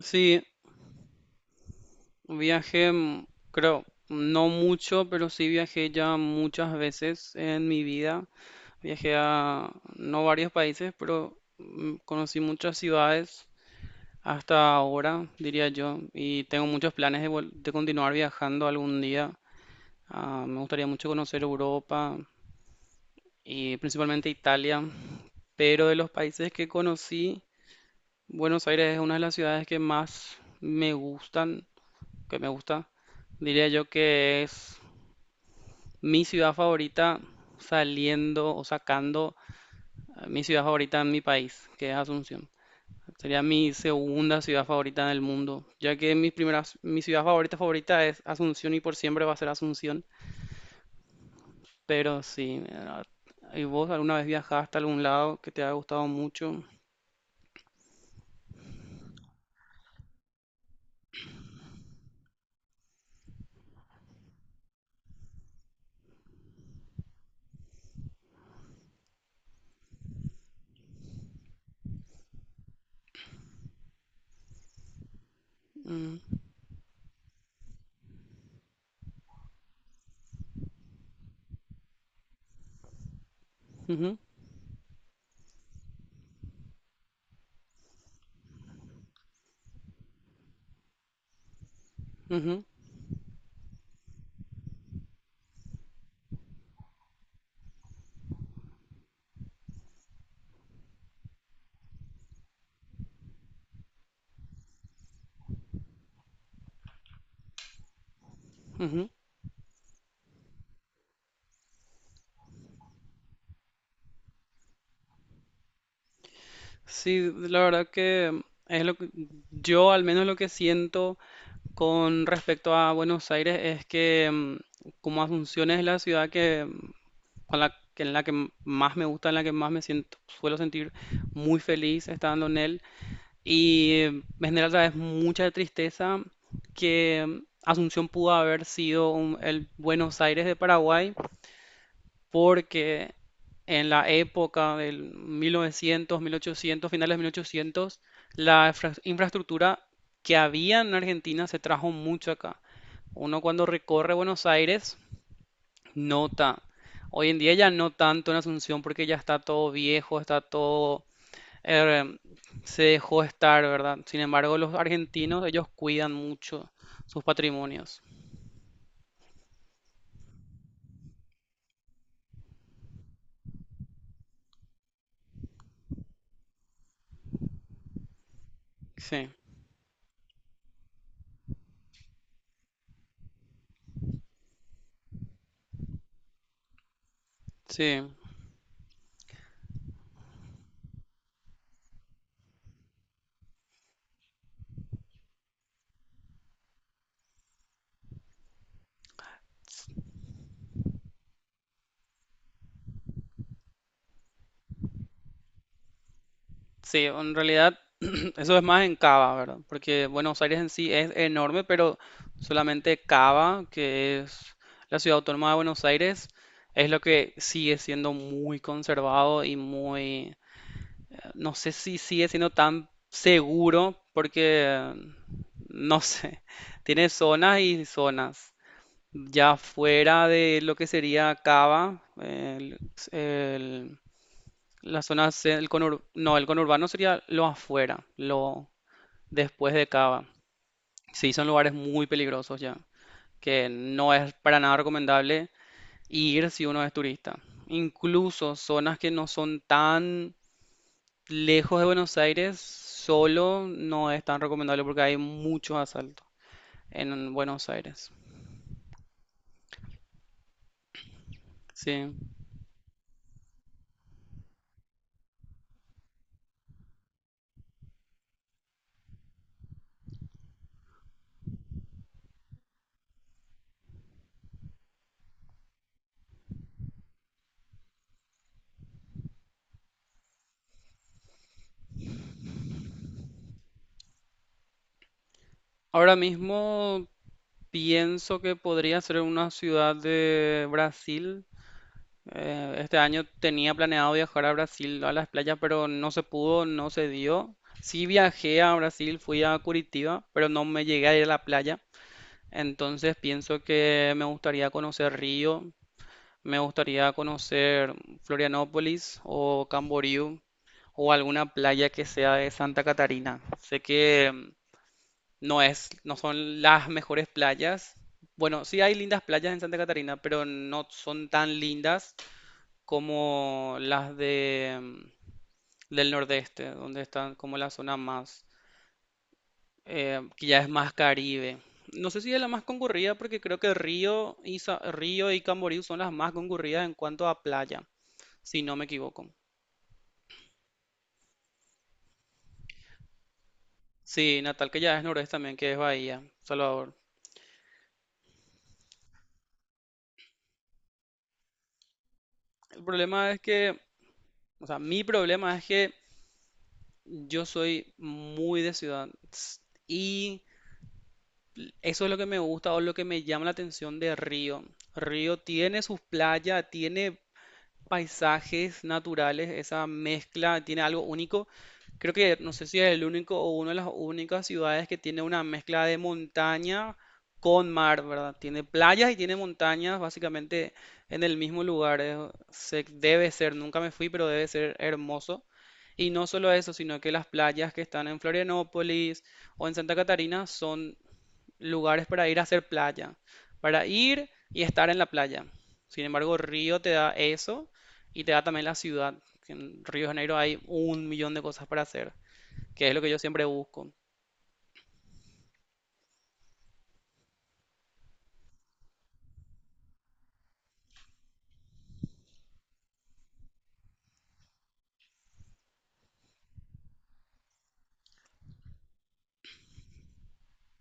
Sí, viajé, creo, no mucho, pero sí viajé ya muchas veces en mi vida. Viajé a no varios países, pero conocí muchas ciudades hasta ahora, diría yo, y tengo muchos planes de continuar viajando algún día. Ah, me gustaría mucho conocer Europa y principalmente Italia, pero de los países que conocí, Buenos Aires es una de las ciudades que más me gustan. Que me gusta. Diría yo que es mi ciudad favorita saliendo o sacando mi ciudad favorita en mi país, que es Asunción. Sería mi segunda ciudad favorita del mundo, ya que mi primera, mi ciudad favorita favorita es Asunción y por siempre va a ser Asunción. Pero sí, ¿y vos alguna vez viajaste a algún lado que te haya gustado mucho? Mm, ujú, ujú, ujú. Sí, la verdad que es lo que yo al menos lo que siento con respecto a Buenos Aires es que como Asunción es la ciudad que con la que en la que más me gusta, en la que más me siento, suelo sentir muy feliz estando en él y me genera sabes mucha tristeza que Asunción pudo haber sido el Buenos Aires de Paraguay porque en la época del 1900, 1800, finales de 1800, la infraestructura que había en Argentina se trajo mucho acá. Uno cuando recorre Buenos Aires nota. Hoy en día ya no tanto en Asunción porque ya está todo viejo, está todo. eh, Se dejó estar, ¿verdad? Sin embargo, los argentinos, ellos cuidan mucho sus patrimonios. Sí, sí. Sí, en realidad eso es más en Cava, ¿verdad? Porque bueno, Buenos Aires en sí es enorme, pero solamente Cava, que es la ciudad autónoma de Buenos Aires, es lo que sigue siendo muy conservado y muy, no sé si sigue siendo tan seguro, porque, no sé, tiene zonas y zonas. Ya fuera de lo que sería Cava, el- la zona C, no, el conurbano sería lo afuera, lo después de Cava. Sí, son lugares muy peligrosos ya, que no es para nada recomendable ir si uno es turista. Incluso zonas que no son tan lejos de Buenos Aires, solo no es tan recomendable porque hay muchos asaltos en Buenos Aires. Sí. Ahora mismo pienso que podría ser una ciudad de Brasil. Este año tenía planeado viajar a Brasil, a las playas, pero no se pudo, no se dio. Sí viajé a Brasil, fui a Curitiba, pero no me llegué a ir a la playa. Entonces pienso que me gustaría conocer Río, me gustaría conocer Florianópolis o Camboriú o alguna playa que sea de Santa Catarina. Sé que no es, no son las mejores playas. Bueno, sí hay lindas playas en Santa Catarina, pero no son tan lindas como las del nordeste, donde están como la zona más, que ya es más Caribe. No sé si es la más concurrida porque creo que Río y Camboriú son las más concurridas en cuanto a playa, si no me equivoco. Sí, Natal, que ya es noroeste también, que es Bahía, Salvador. El problema es que, o sea, mi problema es que yo soy muy de ciudad y eso es lo que me gusta o lo que me llama la atención de Río. Río tiene sus playas, tiene paisajes naturales, esa mezcla, tiene algo único. Creo que no sé si es el único o una de las únicas ciudades que tiene una mezcla de montaña con mar, ¿verdad? Tiene playas y tiene montañas básicamente en el mismo lugar. Se, debe ser, nunca me fui, pero debe ser hermoso. Y no solo eso, sino que las playas que están en Florianópolis o en Santa Catarina son lugares para ir a hacer playa, para ir y estar en la playa. Sin embargo, Río te da eso y te da también la ciudad. En Río de Janeiro hay un millón de cosas para hacer, que es lo que yo siempre busco.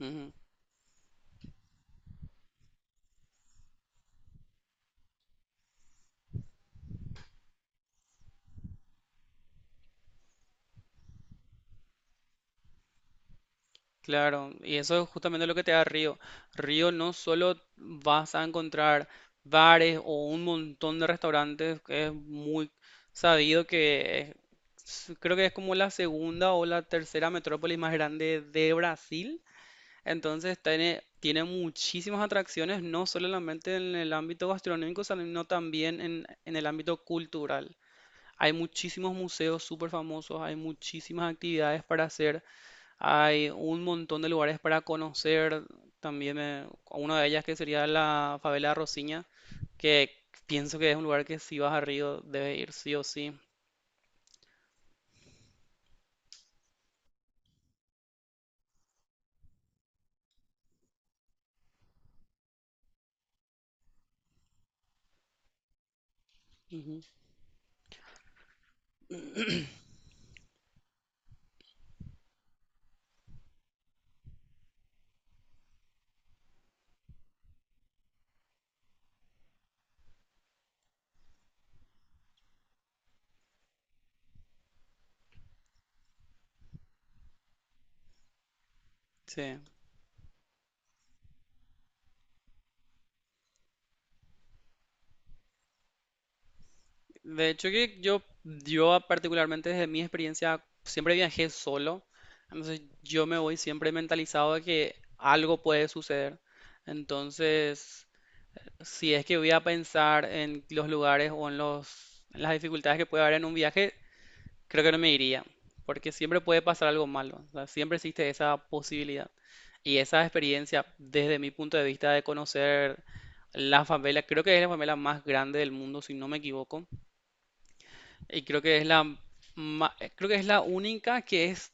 Ujú. Claro, y eso es justamente lo que te da Río. Río no solo vas a encontrar bares o un montón de restaurantes, que es muy sabido que creo que es como la segunda o la tercera metrópolis más grande de Brasil. Entonces tiene muchísimas atracciones, no solamente en el ámbito gastronómico, sino también en el ámbito cultural. Hay muchísimos museos súper famosos, hay muchísimas actividades para hacer, hay un montón de lugares para conocer. También una de ellas que sería la favela de Rosiña, que pienso que es un lugar que si vas a Río debes ir sí o sí. Ujú. Sí. De hecho que yo particularmente desde mi experiencia siempre viajé solo, entonces yo me voy siempre mentalizado de que algo puede suceder. Entonces, si es que voy a pensar en los lugares o en los, en las dificultades que puede haber en un viaje, creo que no me iría, porque siempre puede pasar algo malo, o sea, siempre existe esa posibilidad. Y esa experiencia, desde mi punto de vista de conocer la favela, creo que es la favela más grande del mundo, si no me equivoco. Y creo que es la única que es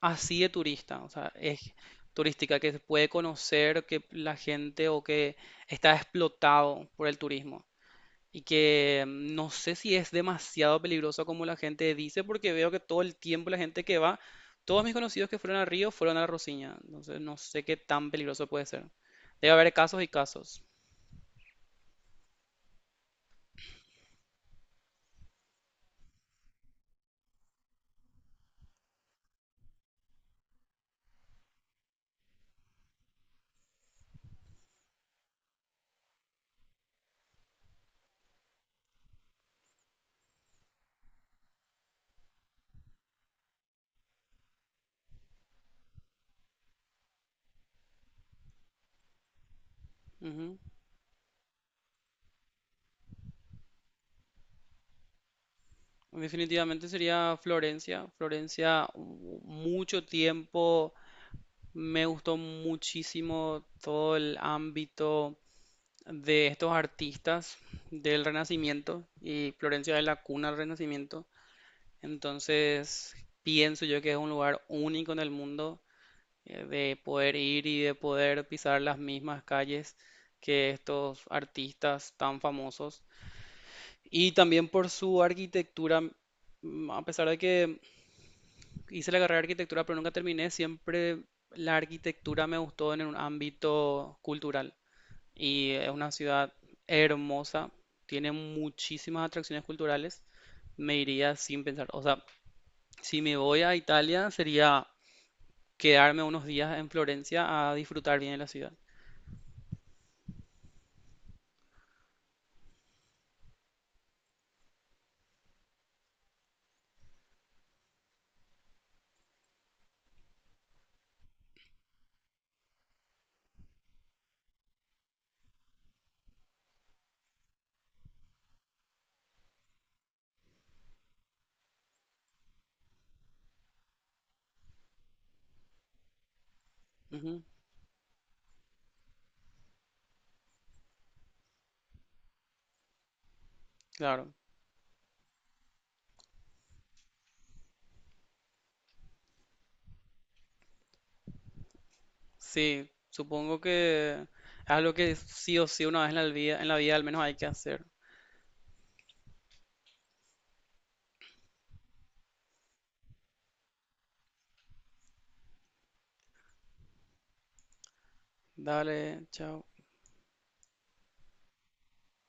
así de turista, o sea, es turística, que se puede conocer, que la gente o que está explotado por el turismo. Y que no sé si es demasiado peligroso como la gente dice, porque veo que todo el tiempo la gente que va, todos mis conocidos que fueron a Río fueron a la Rosiña. Entonces no sé qué tan peligroso puede ser. Debe haber casos y casos. Ujú. Definitivamente sería Florencia. Florencia, mucho tiempo. Me gustó muchísimo todo el ámbito de estos artistas del Renacimiento y Florencia es la cuna del Renacimiento. Entonces, pienso yo que es un lugar único en el mundo de poder ir y de poder pisar las mismas calles que estos artistas tan famosos. Y también por su arquitectura, a pesar de que hice la carrera de arquitectura, pero nunca terminé. Siempre la arquitectura me gustó en un ámbito cultural. Y es una ciudad hermosa, tiene muchísimas atracciones culturales. Me iría sin pensar. O sea, si me voy a Italia, sería quedarme unos días en Florencia a disfrutar bien de la ciudad. Ujú, claro. Sí, supongo que es algo que sí o sí una vez en la vida al menos hay que hacer. Dale, chao.